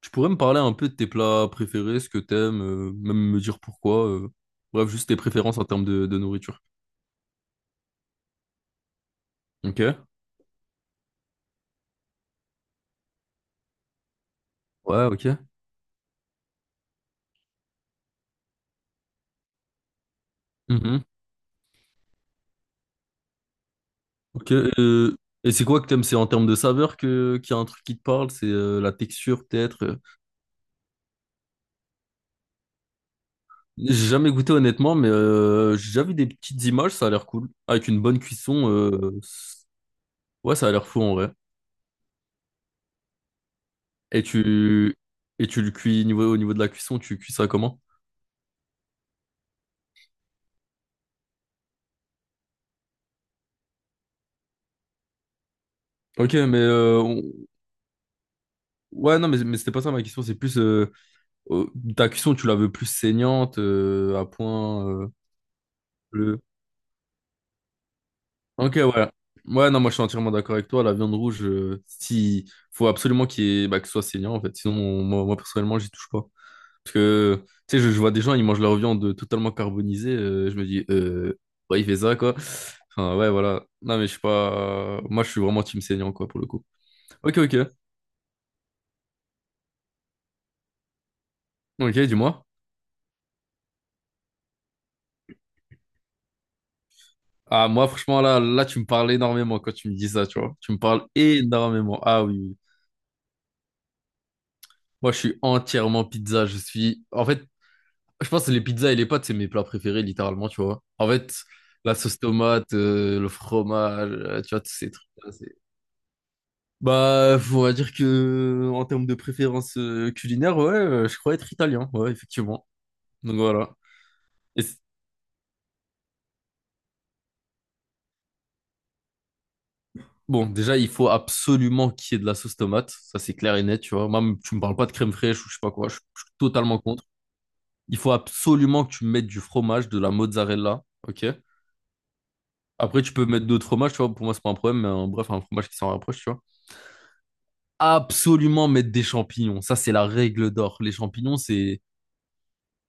Tu pourrais me parler un peu de tes plats préférés, ce que t'aimes, même me dire pourquoi. Bref, juste tes préférences en termes de nourriture. Ok. Ouais, ok. Mhm. Ok. Et c'est quoi que t'aimes? C'est en termes de saveur que qu'il y a un truc qui te parle? C'est la texture peut-être? J'ai jamais goûté honnêtement, mais j'ai déjà vu des petites images, ça a l'air cool. Avec une bonne cuisson, ouais, ça a l'air fou en vrai. Et tu et tu le cuis niveau, au niveau de la cuisson, tu cuis ça comment? Ok, mais ouais, non, mais c'était pas ça ma question, c'est plus. euh, Ta cuisson, tu la veux plus saignante, à point bleu. Ok, ouais. Ouais, non, moi je suis entièrement d'accord avec toi. La viande rouge, si faut absolument qu'il y ait- bah, que ce soit saignant en fait. Sinon, moi, personnellement, j'y touche pas. Parce que tu sais, je vois des gens, ils mangent leur viande totalement carbonisée. Je me dis, ouais, il fait ça quoi. Enfin, ouais, voilà. Non, mais je suis pas. Moi, je suis vraiment team saignant quoi pour le coup. Ok, ok. Ok, dis-moi. Ah, moi, franchement, là, tu me parles énormément quand tu me dis ça, tu vois. Tu me parles énormément. Ah oui. Oui, oui. Moi, je suis entièrement pizza. Je suis. En fait, je pense que les pizzas et les pâtes, c'est mes plats préférés, littéralement, tu vois. En fait, la sauce tomate, le fromage, tu vois, tous ces trucs-là. Bah, on va dire que, en termes de préférence culinaire, ouais, je crois être italien, ouais, effectivement. Donc voilà. Et c- bon, déjà, il faut absolument qu'il y ait de la sauce tomate. Ça, c'est clair et net, tu vois. Même, tu me parles pas de crème fraîche ou je sais pas quoi. Je suis totalement contre. Il faut absolument que tu mettes du fromage, de la mozzarella, ok? Après, tu peux mettre d'autres fromages, tu vois. Pour moi, c'est pas un problème, mais bref, un fromage qui s'en rapproche, tu vois. Absolument mettre des champignons. Ça, c'est la règle d'or. Les champignons, c'est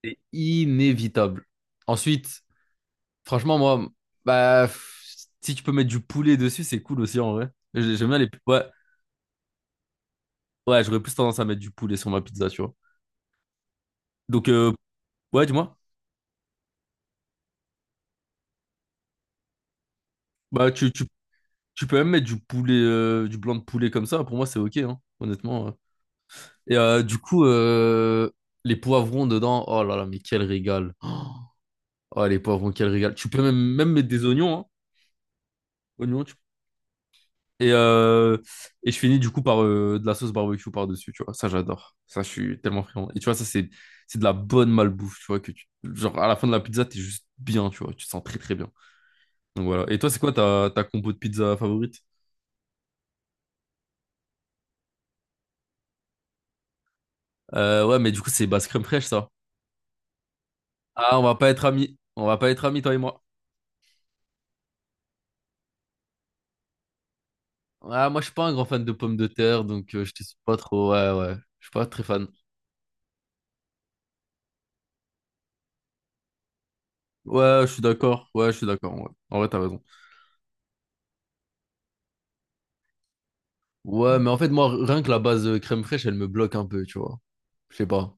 c'est inévitable. Ensuite, franchement, moi, bah, pff, si tu peux mettre du poulet dessus, c'est cool aussi, en vrai. J'aime bien les. Ouais, ouais, j'aurais plus tendance à mettre du poulet sur ma pizza, tu vois. Donc, ouais, dis-moi. Bah, tu peux même mettre du poulet, du blanc de poulet comme ça. Pour moi, c'est ok, hein, honnêtement. Et du coup, les poivrons dedans, oh là là, mais quel régal. Oh, oh, les poivrons, quel régal. Tu peux même mettre des oignons, hein. Oignons, tu- Et, euh, et je finis du coup par de la sauce barbecue par-dessus, tu vois. Ça, j'adore. Ça, je suis tellement friand. Et tu vois, c'est de la bonne malbouffe, tu vois. Genre, à la fin de la pizza, t'es juste bien, tu vois. Tu te sens très, très bien. Donc voilà. Et toi, c'est quoi ta compo de pizza favorite? Ouais, mais du coup, c'est basse crème fraîche, ça. Ah, on va pas être amis. On va pas être amis, toi et moi. Ah, moi, je suis pas un grand fan de pommes de terre, donc je suis pas trop. Ouais, ouais. Je suis pas très fan. Ouais, je suis d'accord. Ouais, je suis d'accord. Ouais. En vrai, t'as raison. Ouais, mais en fait, moi, rien que la base crème fraîche, elle me bloque un peu, tu vois. Je sais pas.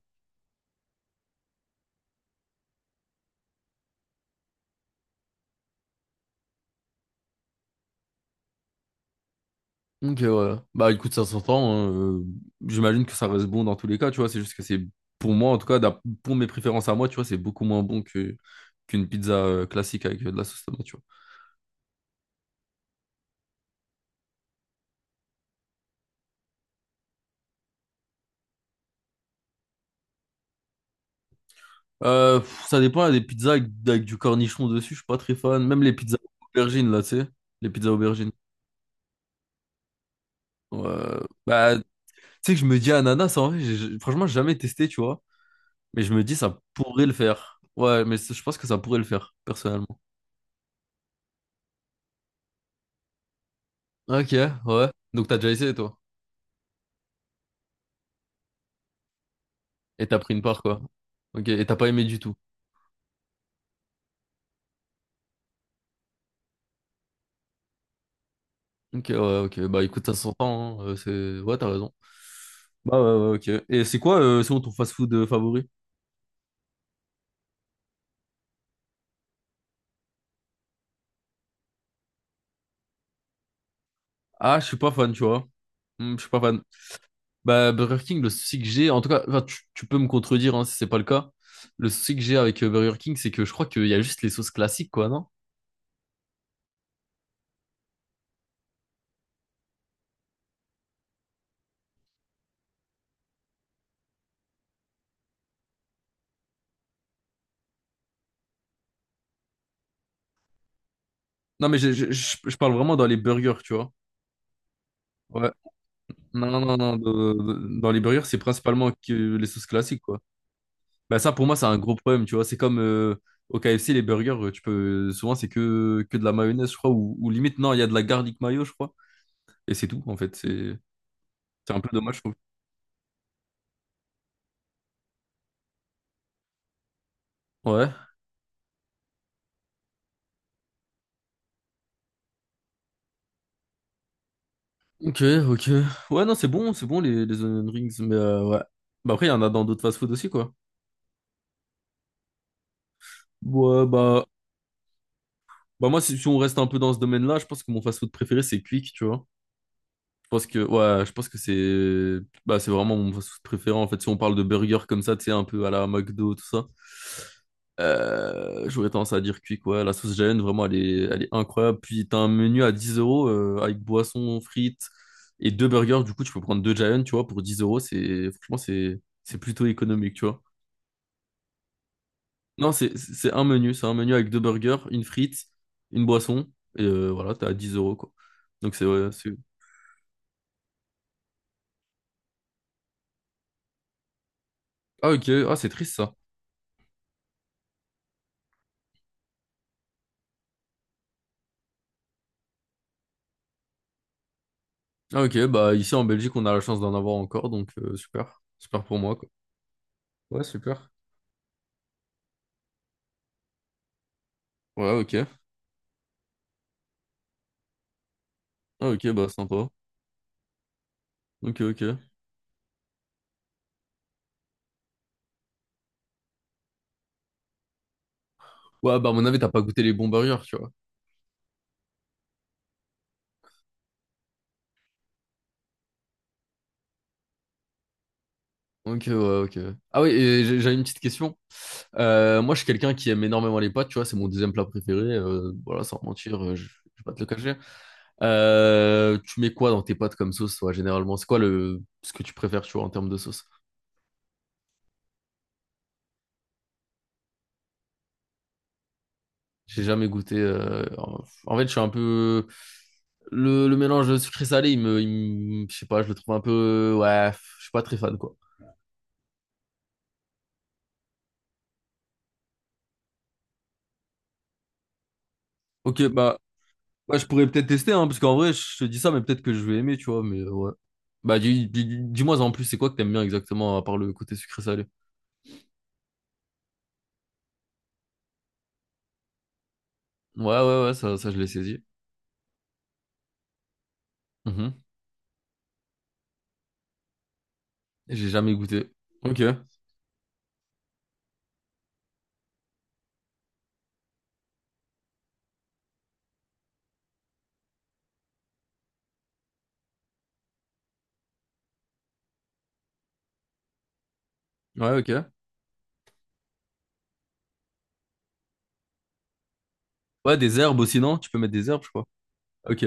Ok, ouais. Bah, écoute, ça s'entend. Hein, euh, J'imagine que ça reste bon dans tous les cas, tu vois. C'est juste que c'est, Pour moi, en tout cas, pour mes préférences à moi, tu vois, c'est beaucoup moins bon que qu'une pizza classique avec de la sauce tomate, tu vois. Pff, ça dépend, des pizzas avec du cornichon dessus, je suis pas très fan. Même les pizzas aubergines, là, tu sais. Les pizzas aubergines. Euh, Tu sais que je me dis ananas, en vrai, franchement, j'ai jamais testé, tu vois. Mais je me dis, ça pourrait le faire. Ouais, mais je pense que ça pourrait le faire, personnellement. Ok, ouais. Donc t'as déjà essayé, toi. Et t'as pris une part, quoi. Ok, et t'as pas aimé du tout. Ok, ouais, ok. Bah écoute, ça s'entend, hein, c'est... Ouais, t'as raison. Bah ouais, ouais, ok. Et c'est quoi, selon ton fast-food favori? Ah, je suis pas fan, tu vois. Hmm, je suis pas fan. Bah, Burger King, le souci que j'ai, en tout cas, enfin, tu peux me contredire hein, si c'est pas le cas. Le souci que j'ai avec Burger King, c'est que je crois qu'il y a juste les sauces classiques, quoi, non? Non, mais je j'ai- je parle vraiment dans les burgers, tu vois. Ouais. Non, non, non, dans les burgers, c'est principalement que les sauces classiques, quoi. Bah, ça, pour moi, c'est un gros problème, tu vois. C'est comme au KFC, les burgers, tu peux, souvent, c'est que de la mayonnaise, je crois, ou limite, non, il y a de la garlic mayo, je crois. Et c'est tout, en fait. C'est un peu dommage, je trouve. Ouais. Ok, ok. Ouais, non, c'est bon les onion rings, mais ouais. Bah après, il y en a dans d'autres fast-food aussi, quoi. Ouais, bah moi, si on reste un peu dans ce domaine-là, je pense que mon fast-food préféré, c'est Quick, tu vois. Je pense que ouais, je pense que c'est bah, c'est vraiment mon fast-food préféré en fait. Si on parle de burger comme ça, tu sais, un peu à la McDo, tout ça. J'aurais tendance à dire Quick, ouais. La sauce Jaune, vraiment, elle est incroyable. Puis, t'as un menu à 10 € avec boisson, frites et 2 burgers. Du coup, tu peux prendre 2 Giant, tu vois, pour 10 euros. C'est franchement, c'est plutôt économique, tu vois. Non, c'est un menu. C'est un menu avec 2 burgers, une frite, une boisson. Et voilà, t'es à 10 euros, quoi. Donc, c'est, ouais, c'est... Ah, ok. Ah, c'est triste. Ah, ok, bah ici en Belgique, on a la chance d'en avoir encore, donc super. Super pour moi, quoi. Ouais, super. Ouais, ok. Ah, ok, bah sympa. Ok, ok. Ouais, bah à mon avis, t'as pas goûté les bons burgers, tu vois. Ok, ouais, ok. Ah oui, et j'avais une petite question. Moi, je suis quelqu'un qui aime énormément les pâtes, tu vois, c'est mon deuxième plat préféré. Voilà, sans mentir, je vais pas te le cacher. Tu mets quoi dans tes pâtes comme sauce, toi, généralement? C'est quoi le ce que tu préfères, tu vois, en termes de sauce? J'ai jamais goûté. En fait, je suis un peu. Le mélange sucré-salé, il me- Je sais pas, je le trouve un peu. Ouais, je suis pas très fan, quoi. Ok, bah, ouais, je pourrais peut-être tester, hein, parce qu'en vrai, je te dis ça, mais peut-être que je vais aimer, tu vois, mais ouais. Bah, dis-moi en plus, c'est quoi que t'aimes bien exactement, à part le côté sucré-salé? Ouais, ouais, ouais, ça je l'ai saisi. Mhm. J'ai jamais goûté. Ok. Ouais, ok. Ouais, des herbes aussi, non? Tu peux mettre des herbes, je crois. Ok.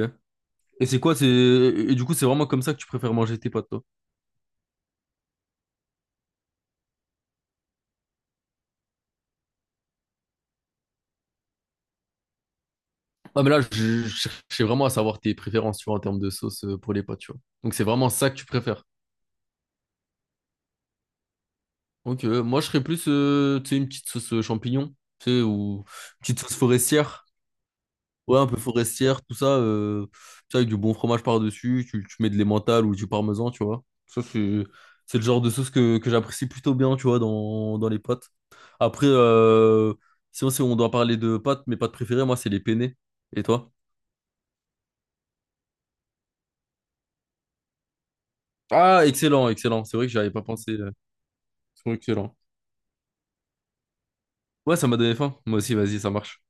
Et c'est quoi, c'est. Et du coup, c'est vraiment comme ça que tu préfères manger tes pâtes, toi? Ah, mais là, je cherchais vraiment à savoir tes préférences, tu vois, en termes de sauce pour les pâtes, tu vois. Donc, c'est vraiment ça que tu préfères. Ok, moi, je serais plus, tu sais, une petite sauce champignon, tu sais, ou une petite sauce forestière. Ouais, un peu forestière, tout ça, tu sais, avec du bon fromage par-dessus, tu mets de l'emmental ou du parmesan, tu vois. C'est le genre de sauce que j'apprécie plutôt bien, tu vois, dans les pâtes. Après, sinon, si on doit parler de pâtes, mes pâtes préférées, moi, c'est les penne. Et toi? Ah, excellent, excellent. C'est vrai que j'avais pas pensé. Ils sont excellents. Ouais, ça m'a donné faim. Moi aussi, vas-y, ça marche.